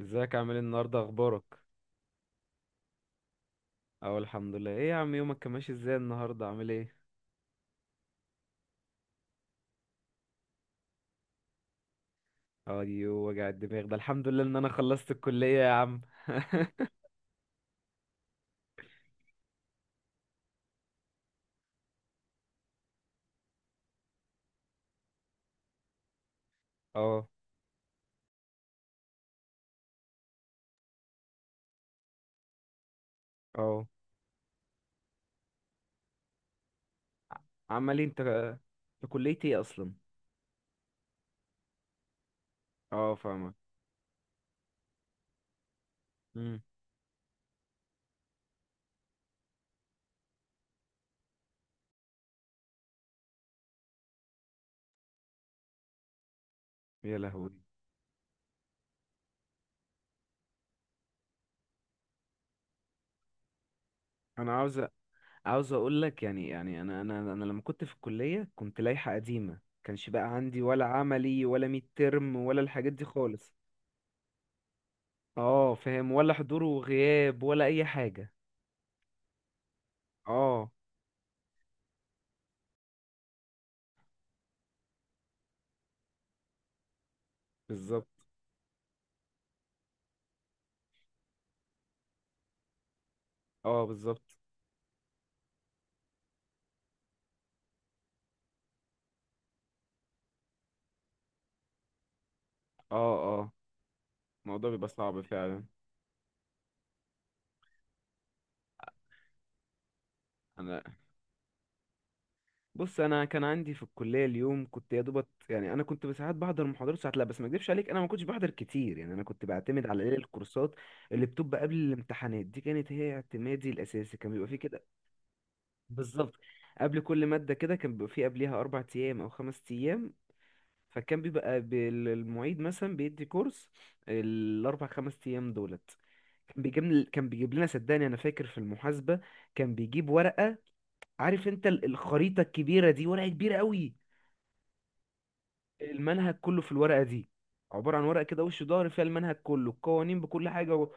ازيك؟ عامل ايه النهارده؟ اخبارك؟ اه الحمد لله. ايه يا عم يومك كان ماشي ازاي النهارده؟ عامل ايه؟ ايوه وجع الدماغ ده، الحمد لله ان انا خلصت الكليه يا عم. اه. اه. عمال إيه انت؟ في كليه ايه اصلا؟ اه فاهمك. امم. يا لهوي. انا عاوز اقول لك، يعني انا لما كنت في الكليه كنت لائحه قديمه. كانش بقى عندي ولا عملي ولا ميد ترم ولا الحاجات دي خالص. اه فاهم، ولا حضور وغياب ولا اي حاجه. اه بالظبط. اه بالظبط. اه الموضوع بيبقى صعب فعلا. انا بص، انا كان عندي في الكليه، اليوم كنت يا دوبت، يعني انا كنت ساعات بحضر محاضرات ساعات لا، بس ما اكدبش عليك انا ما كنتش بحضر كتير، يعني انا كنت بعتمد على ايه، الكورسات اللي بتبقى قبل الامتحانات دي كانت هي اعتمادي الاساسي، كان بيبقى فيه كده. بالظبط، قبل كل ماده كده كان بيبقى فيه قبليها اربع ايام او خمس ايام. فكان المعيد مثلا بيدي كورس الاربع خمس ايام دولت، كان بيجيب لنا، صدقني انا فاكر في المحاسبه كان بيجيب ورقه. عارف انت الخريطة الكبيرة دي؟ ورقة كبيرة قوي. المنهج كله في الورقة دي، عبارة عن ورقة كده وش ظهر فيها المنهج كله، القوانين بكل حاجة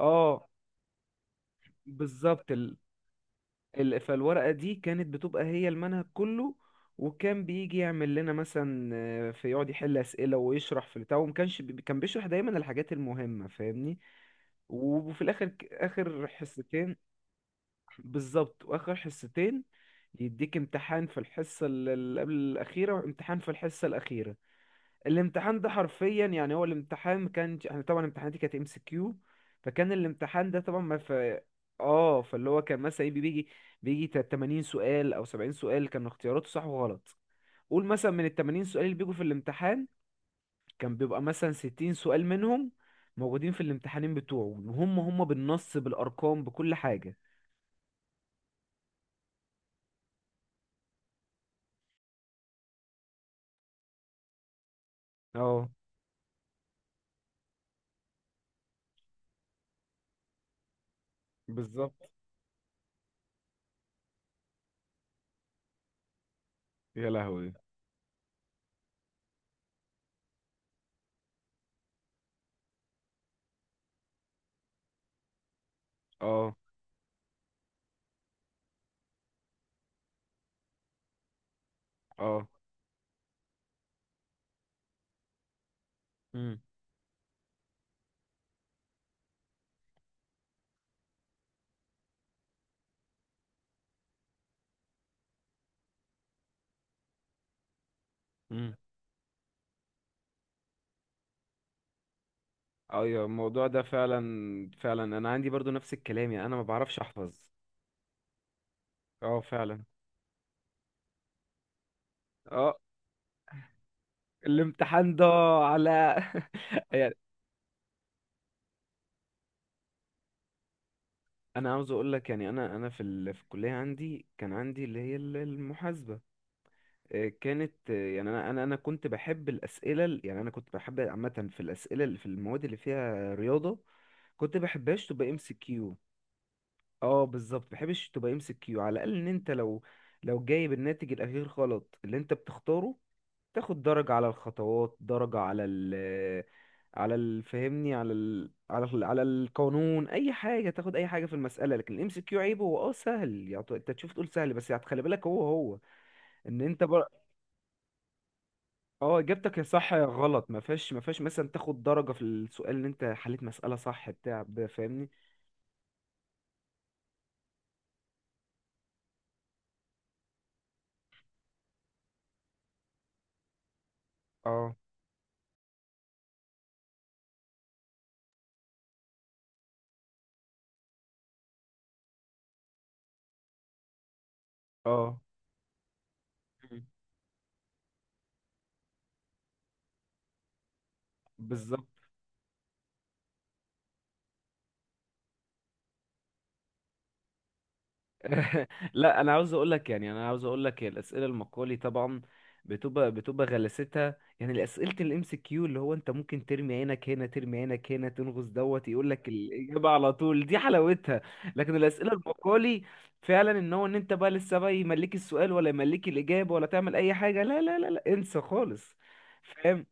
اه بالظبط. فالورقة دي كانت بتبقى هي المنهج كله. وكان بيجي يعمل لنا مثلا في يقعد يحل أسئلة ويشرح في البتاع، كان بيشرح دايما الحاجات المهمة، فاهمني. وفي آخر حصتين. بالظبط، وآخر حصتين يديك امتحان في الحصة اللي قبل الأخيرة وامتحان في الحصة الأخيرة. الامتحان ده حرفيا، يعني هو الامتحان ما كانش، احنا طبعا امتحاناتي كانت ام سي كيو، فكان الامتحان ده طبعا ما في. اه فاللي هو كان مثلا 80 سؤال او 70 سؤال، كانوا اختياراته صح وغلط. قول مثلا من ال 80 سؤال اللي بيجوا في الامتحان كان بيبقى مثلا 60 سؤال منهم موجودين في الامتحانين بتوعه، وهم هم بالنص بالارقام بكل حاجة. اه بالظبط. يا لهوي. اه. اه. امم. ايوه الموضوع ده فعلا فعلا، انا عندي برضو نفس الكلام، يعني انا ما بعرفش احفظ. اه فعلا. اه. الامتحان ده على. يعني انا عاوز اقول لك، يعني انا في في الكليه عندي، كان عندي اللي هي المحاسبه. كانت يعني انا كنت بحب يعني انا كنت بحب عامه في الاسئله اللي في المواد اللي فيها رياضه، كنت بحبهاش تبقى ام سي كيو. اه بالظبط، بحبش تبقى ام سي كيو. على الاقل ان انت لو لو جايب الناتج الاخير غلط اللي انت بتختاره، تاخد درجة على الخطوات، درجة على ال على فاهمني، على ال على ال على القانون، اي حاجة تاخد اي حاجة في المسألة. لكن الام سي كيو عيبه هو اه سهل، يعني انت تشوف تقول سهل، بس يعني خلي بالك هو هو ان انت بر... اه اجابتك يا صح يا غلط، ما فيهاش مثلا تاخد درجة في السؤال ان انت حليت مسألة صح، فاهمني. اه. اه. مم. بالظبط. لا انا عاوز اقول لك، يعني انا عاوز اقول لك الاسئله المقالي طبعا بتبقى غلستها. يعني اسئله الام سي كيو اللي هو انت ممكن ترمي عينك هنا ترمي عينك هنا تنغص دوت يقول لك الاجابه على طول، دي حلاوتها. لكن الاسئله المقالي فعلا، ان هو ان انت بقى لسه بقى يملك السؤال ولا يملك الاجابه ولا تعمل اي حاجه، لا لا لا لا انسى خالص. فاهم.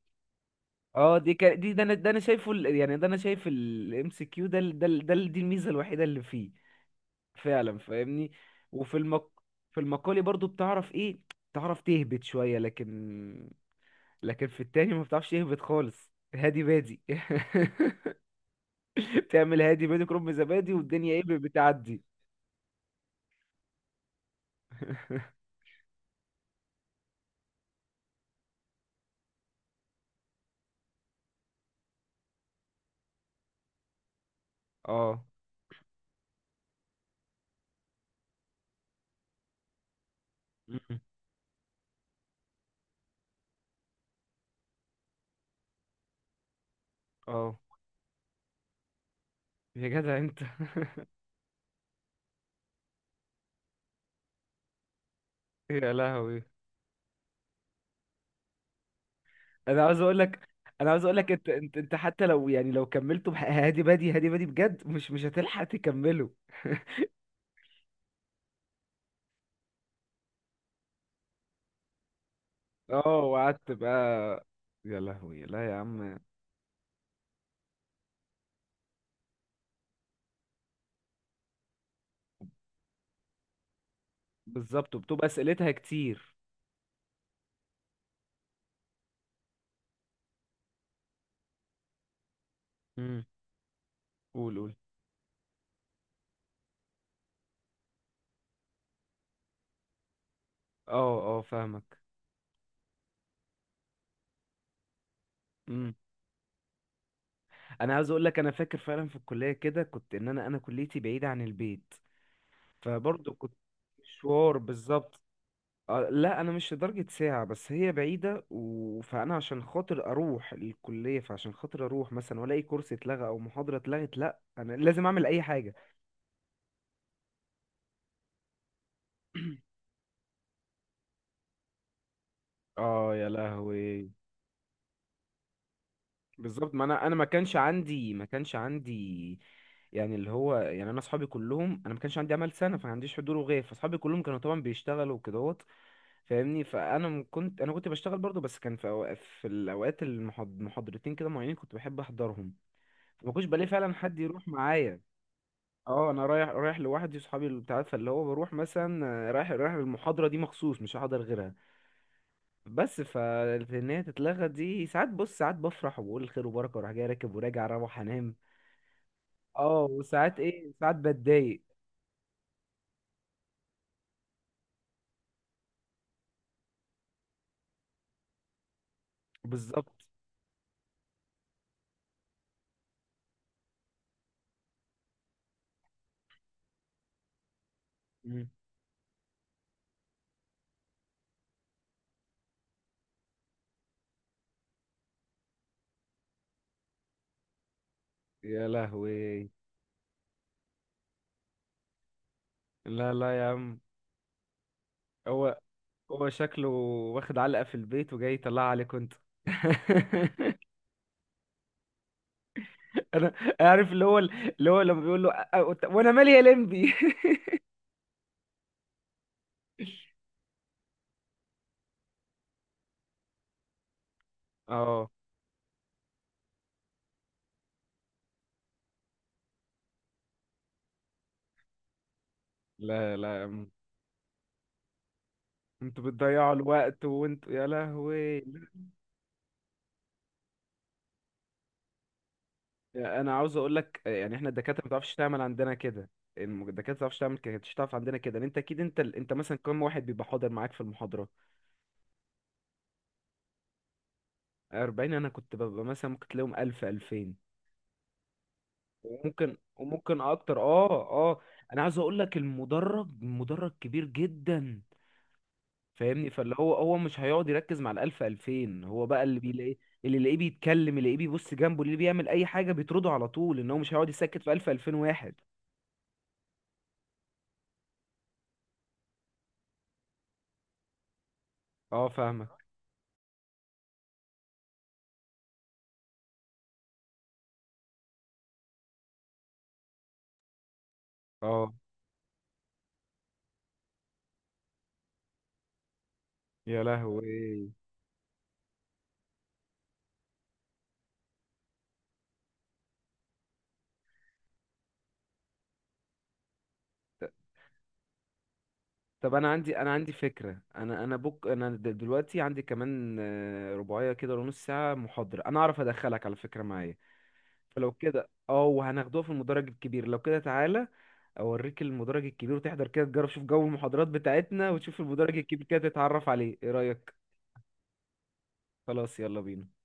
اه دي كا... دي ده انا ده انا شايفه ال... يعني ده انا شايف الام سي كيو ده دي الميزه الوحيده اللي فيه. فعلا، فاهمني. وفي المق... في المقالي برضو بتعرف ايه، بتعرف تهبط شوية، لكن في التاني ما بتعرفش تهبط خالص، هادي بادي. بتعمل هادي بادي كرم زبادي والدنيا ايه بتعدي. اه. مم. اه. يا جدع انت. يا لهوي. انا عاوز اقول لك، انا عاوز اقول لك انت انت حتى لو، يعني لو كملته هادي بادي هادي بادي بجد مش مش هتلحق تكمله. اه وقعدت بقى. يا لهوي. لا يا عم. بالظبط، وبتبقى اسئلتها كتير. امم. قول قول. اه. اه فاهمك. امم. انا عايز اقول لك انا فاكر فعلا في الكليه كده كنت، ان انا كليتي بعيده عن البيت، فبرضه كنت مشوار، بالظبط. لا انا مش لدرجه ساعه، بس هي بعيده فانا عشان خاطر اروح الكليه، فعشان خاطر اروح مثلا والاقي كورس اتلغى او محاضره اتلغت، لا انا لازم اعمل اي حاجه. اه. يا لهوي. بالظبط، ما انا ما كانش عندي يعني اللي هو، يعني انا اصحابي كلهم، انا ما كانش عندي عمل سنه، فما عنديش حضور وغياب، فاصحابي كلهم كانوا طبعا بيشتغلوا وكدهوت، فاهمني. فانا كنت بشتغل برضو، بس كان في أوقات، في الاوقات المحاضرتين كده معينين كنت بحب احضرهم، فما كنتش بلاقي فعلا حد يروح معايا. اه انا رايح لوحدي، صحابي اللي بتاع، فاللي هو بروح مثلا رايح المحاضره دي مخصوص، مش هحضر غيرها. بس فان هي تتلغى دي، ساعات بص ساعات بفرح وبقول خير وبركه وراح جاي راكب وراجع اروح انام. اه وساعات ايه ساعات بتضايق. بالظبط. مم. يا لهوي. لا لا يا عم. هو هو شكله واخد علقة في البيت وجاي يطلعها عليك انت. انا عارف اللي هو اللي هو لما بيقول له وانا مالي يا لمبي". اه. لا لا يا عم. انتوا بتضيعوا الوقت وانتوا يا لهوي. لا، انا عاوز اقول لك، يعني احنا الدكاتره ما بتعرفش تعمل عندنا كده. الدكاتره ما بتعرفش تعمل كده، مش تعرف عندنا كده. ان انت اكيد انت انت مثلا كم واحد بيبقى حاضر معاك في المحاضره؟ 40؟ انا كنت ببقى مثلا ممكن تلاقيهم 1000 2000، وممكن وممكن اكتر. اه. اه. انا عايز اقول لك المدرج، المدرج كبير جدا، فاهمني، فاللي هو هو مش هيقعد يركز مع الألف 2000، هو بقى اللي بيلاقيه اللي يلاقيه بيتكلم، اللي يلاقيه بيبص جنبه، اللي بيعمل اي حاجه بيطرده على طول، ان هو مش هيقعد يسكت في 1000 2000 واحد. اه فاهمك. اه. يا لهوي. طب انا عندي، انا عندي فكره، انا دلوقتي عندي كمان رباعيه كده، ونص ساعه محاضره انا اعرف ادخلك على، فكره معايا؟ فلو كده اه وهناخدوها في المدرج الكبير، لو كده تعالى اوريك المدرج الكبير وتحضر كده تجرب، شوف جو المحاضرات بتاعتنا، وتشوف المدرج الكبير كده تتعرف عليه، ايه رأيك؟ خلاص يلا بينا.